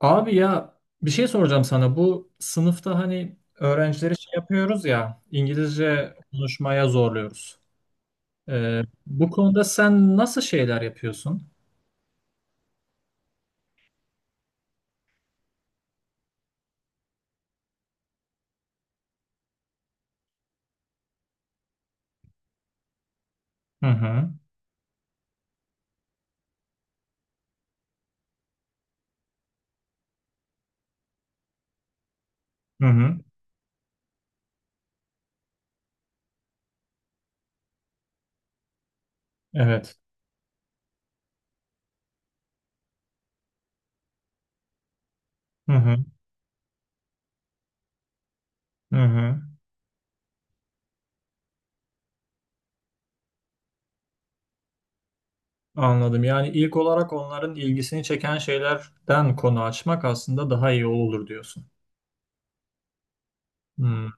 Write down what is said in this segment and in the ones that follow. Abi ya bir şey soracağım sana. Bu sınıfta hani öğrencileri şey yapıyoruz ya İngilizce konuşmaya zorluyoruz. Ee, Bu konuda sen nasıl şeyler yapıyorsun? Hı hı. Hı hı. Evet. Hı hı. Hı hı. Anladım. Yani ilk olarak onların ilgisini çeken şeylerden konu açmak aslında daha iyi olur diyorsun. Hmm.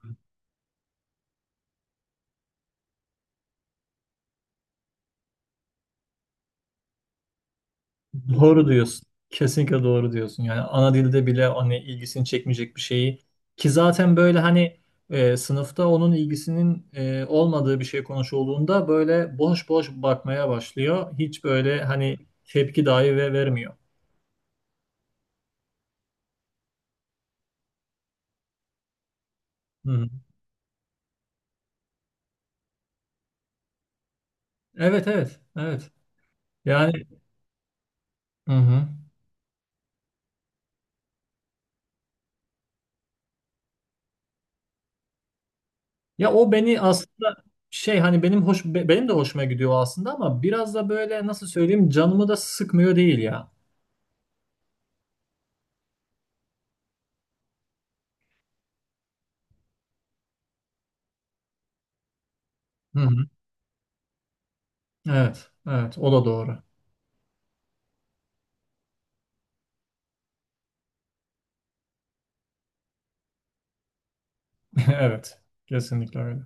Doğru diyorsun. Kesinlikle doğru diyorsun. Yani ana dilde bile hani ilgisini çekmeyecek bir şeyi ki zaten böyle hani sınıfta onun ilgisinin olmadığı bir şey konuşulduğunda böyle boş boş bakmaya başlıyor. Hiç böyle hani tepki dahi ve vermiyor. Hı hı. Evet, evet, evet. Yani, hı hı. Ya o beni aslında şey hani benim de hoşuma gidiyor aslında ama biraz da böyle nasıl söyleyeyim canımı da sıkmıyor değil ya. Hı hı. Evet, evet, o da doğru. Evet, kesinlikle öyle.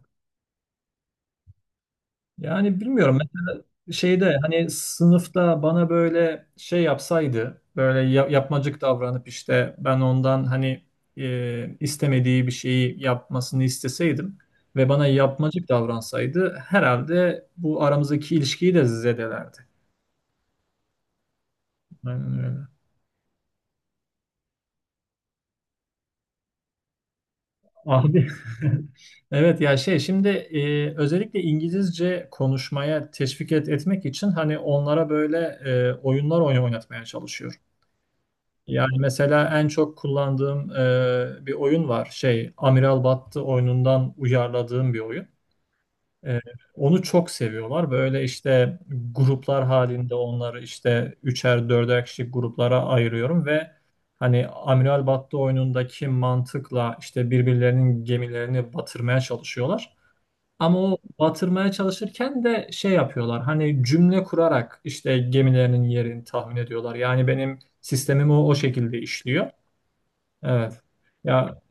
Yani bilmiyorum mesela şeyde hani sınıfta bana böyle şey yapsaydı böyle yapmacık davranıp işte ben ondan hani istemediği bir şeyi yapmasını isteseydim ve bana yapmacık davransaydı herhalde bu aramızdaki ilişkiyi de zedelerdi. Aynen öyle. Abi evet ya şey şimdi özellikle İngilizce konuşmaya teşvik etmek için hani onlara böyle oyunlar oynatmaya çalışıyorum. Yani mesela en çok kullandığım bir oyun var. Şey, Amiral Battı oyunundan uyarladığım bir oyun. E, Onu çok seviyorlar. Böyle işte gruplar halinde onları işte üçer dörder kişilik gruplara ayırıyorum ve hani Amiral Battı oyunundaki mantıkla işte birbirlerinin gemilerini batırmaya çalışıyorlar. Ama o batırmaya çalışırken de şey yapıyorlar. Hani cümle kurarak işte gemilerinin yerini tahmin ediyorlar. Yani benim sistemim o, o şekilde işliyor. Evet. Ya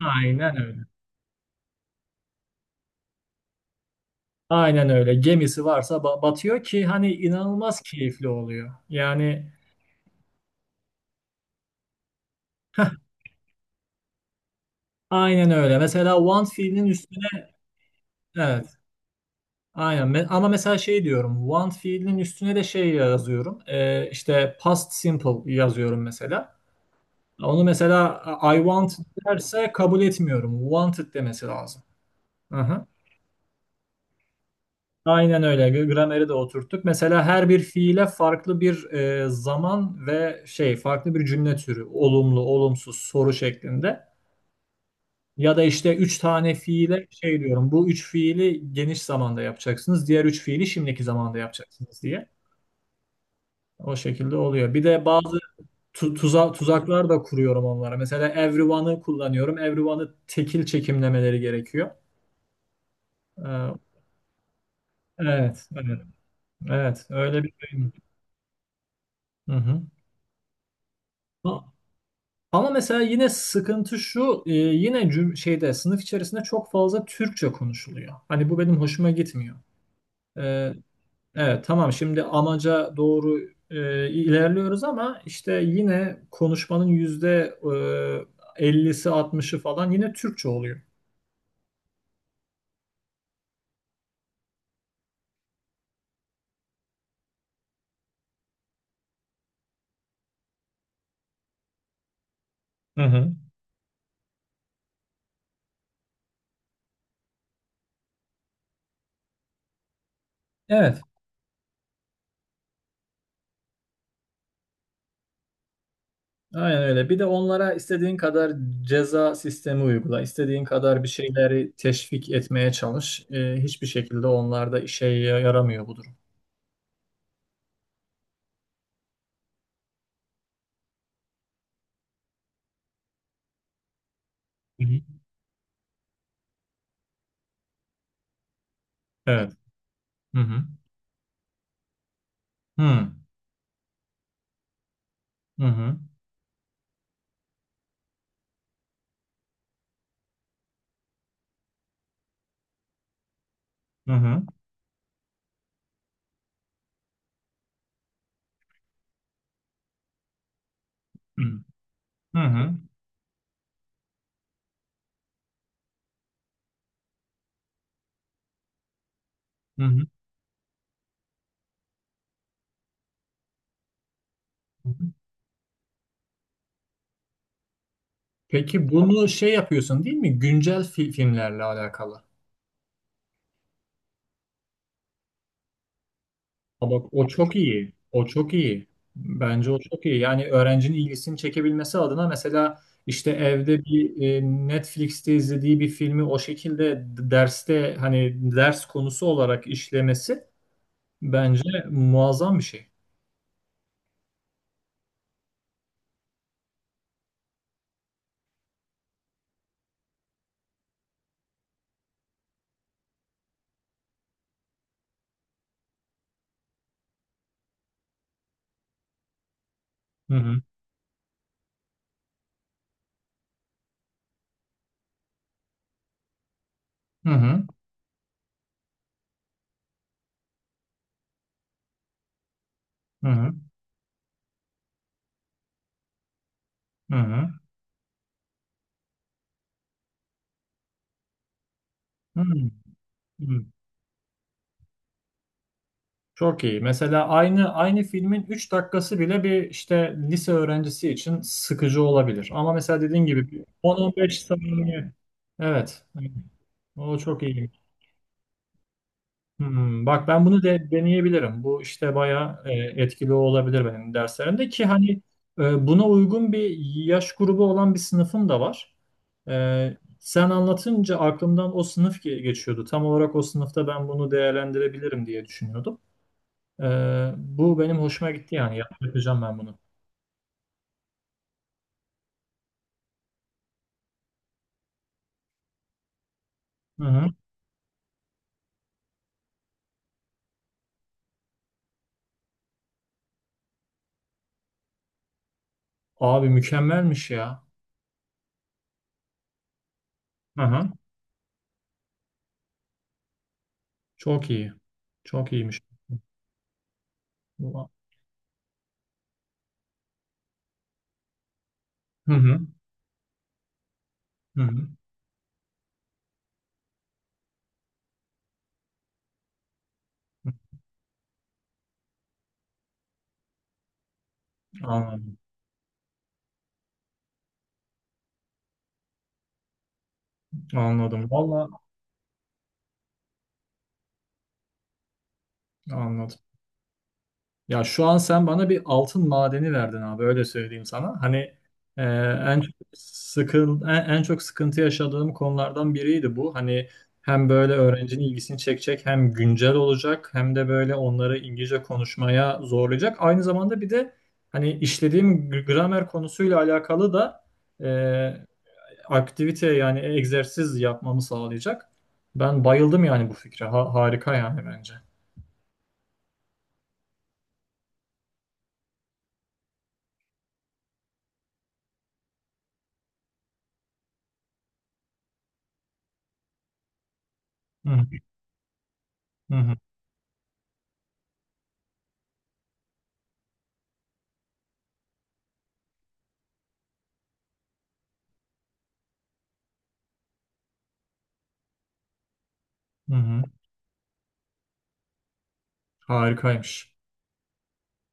aynen öyle. Aynen öyle. Gemisi varsa batıyor ki hani inanılmaz keyifli oluyor. Yani aynen öyle. Mesela Want fiilinin üstüne evet. Aynen. Ama mesela şey diyorum. Want fiilinin üstüne de şey yazıyorum. İşte past simple yazıyorum mesela. Onu mesela I want derse kabul etmiyorum. Wanted demesi lazım. Hı hı. Aynen öyle. Grameri de oturttuk. Mesela her bir fiile farklı bir zaman ve şey farklı bir cümle türü. Olumlu, olumsuz, soru şeklinde. Ya da işte üç tane fiile şey diyorum. Bu üç fiili geniş zamanda yapacaksınız. Diğer üç fiili şimdiki zamanda yapacaksınız diye. O şekilde oluyor. Bir de bazı tuzaklar da kuruyorum onlara. Mesela everyone'ı kullanıyorum. Everyone'ı tekil çekimlemeleri gerekiyor. Ee, evet, evet, evet. Öyle bir şey. Hı hı. Ama mesela yine sıkıntı şu, yine şeyde sınıf içerisinde çok fazla Türkçe konuşuluyor. Hani bu benim hoşuma gitmiyor. E, evet, tamam, şimdi amaca doğru ilerliyoruz ama işte yine konuşmanın yüzde 50'si altmışı falan yine Türkçe oluyor. Hı hı. Evet, aynen öyle. Bir de onlara istediğin kadar ceza sistemi uygula, istediğin kadar bir şeyleri teşvik etmeye çalış. Hiçbir şekilde onlarda işe yaramıyor bu durum. Hı hı. Evet. Hı hı. Hı hı. Hı hı. Hı hı. Hı hı. Hı. Peki bunu şey yapıyorsun değil mi? Güncel filmlerle alakalı. Ha bak o çok iyi. O çok iyi. Bence o çok iyi. Yani öğrencinin ilgisini çekebilmesi adına mesela işte evde bir Netflix'te izlediği bir filmi o şekilde derste hani ders konusu olarak işlemesi bence muazzam bir şey. Hı hı. Hı hı. Hı hı. Hı hı. Hı hı. Çok iyi. Mesela aynı filmin 3 dakikası bile bir işte lise öğrencisi için sıkıcı olabilir. Ama mesela dediğin gibi bir 10-15 saniye. Evet, evet. O çok iyi. Hmm, bak ben bunu de deneyebilirim. Bu işte bayağı etkili olabilir benim derslerimde ki hani buna uygun bir yaş grubu olan bir sınıfım da var. Sen anlatınca aklımdan o sınıf geçiyordu. Tam olarak o sınıfta ben bunu değerlendirebilirim diye düşünüyordum. Bu benim hoşuma gitti yani. Yapacağım ben bunu. Hı hı. Abi mükemmelmiş ya. Hı hı. Çok iyi. Çok iyiymiş. Hı hı. Hı hı. Anladım. Anladım. Vallahi anladım. Ya şu an sen bana bir altın madeni verdin abi öyle söyleyeyim sana. Hani e, en çok sıkıntı yaşadığım konulardan biriydi bu. Hani hem böyle öğrencinin ilgisini çekecek hem güncel olacak hem de böyle onları İngilizce konuşmaya zorlayacak. Aynı zamanda bir de hani işlediğim gramer konusuyla alakalı da e, aktivite yani egzersiz yapmamı sağlayacak. Ben bayıldım yani bu fikre. Harika yani bence. Hı hı hı hı. Hı. Harikaymış.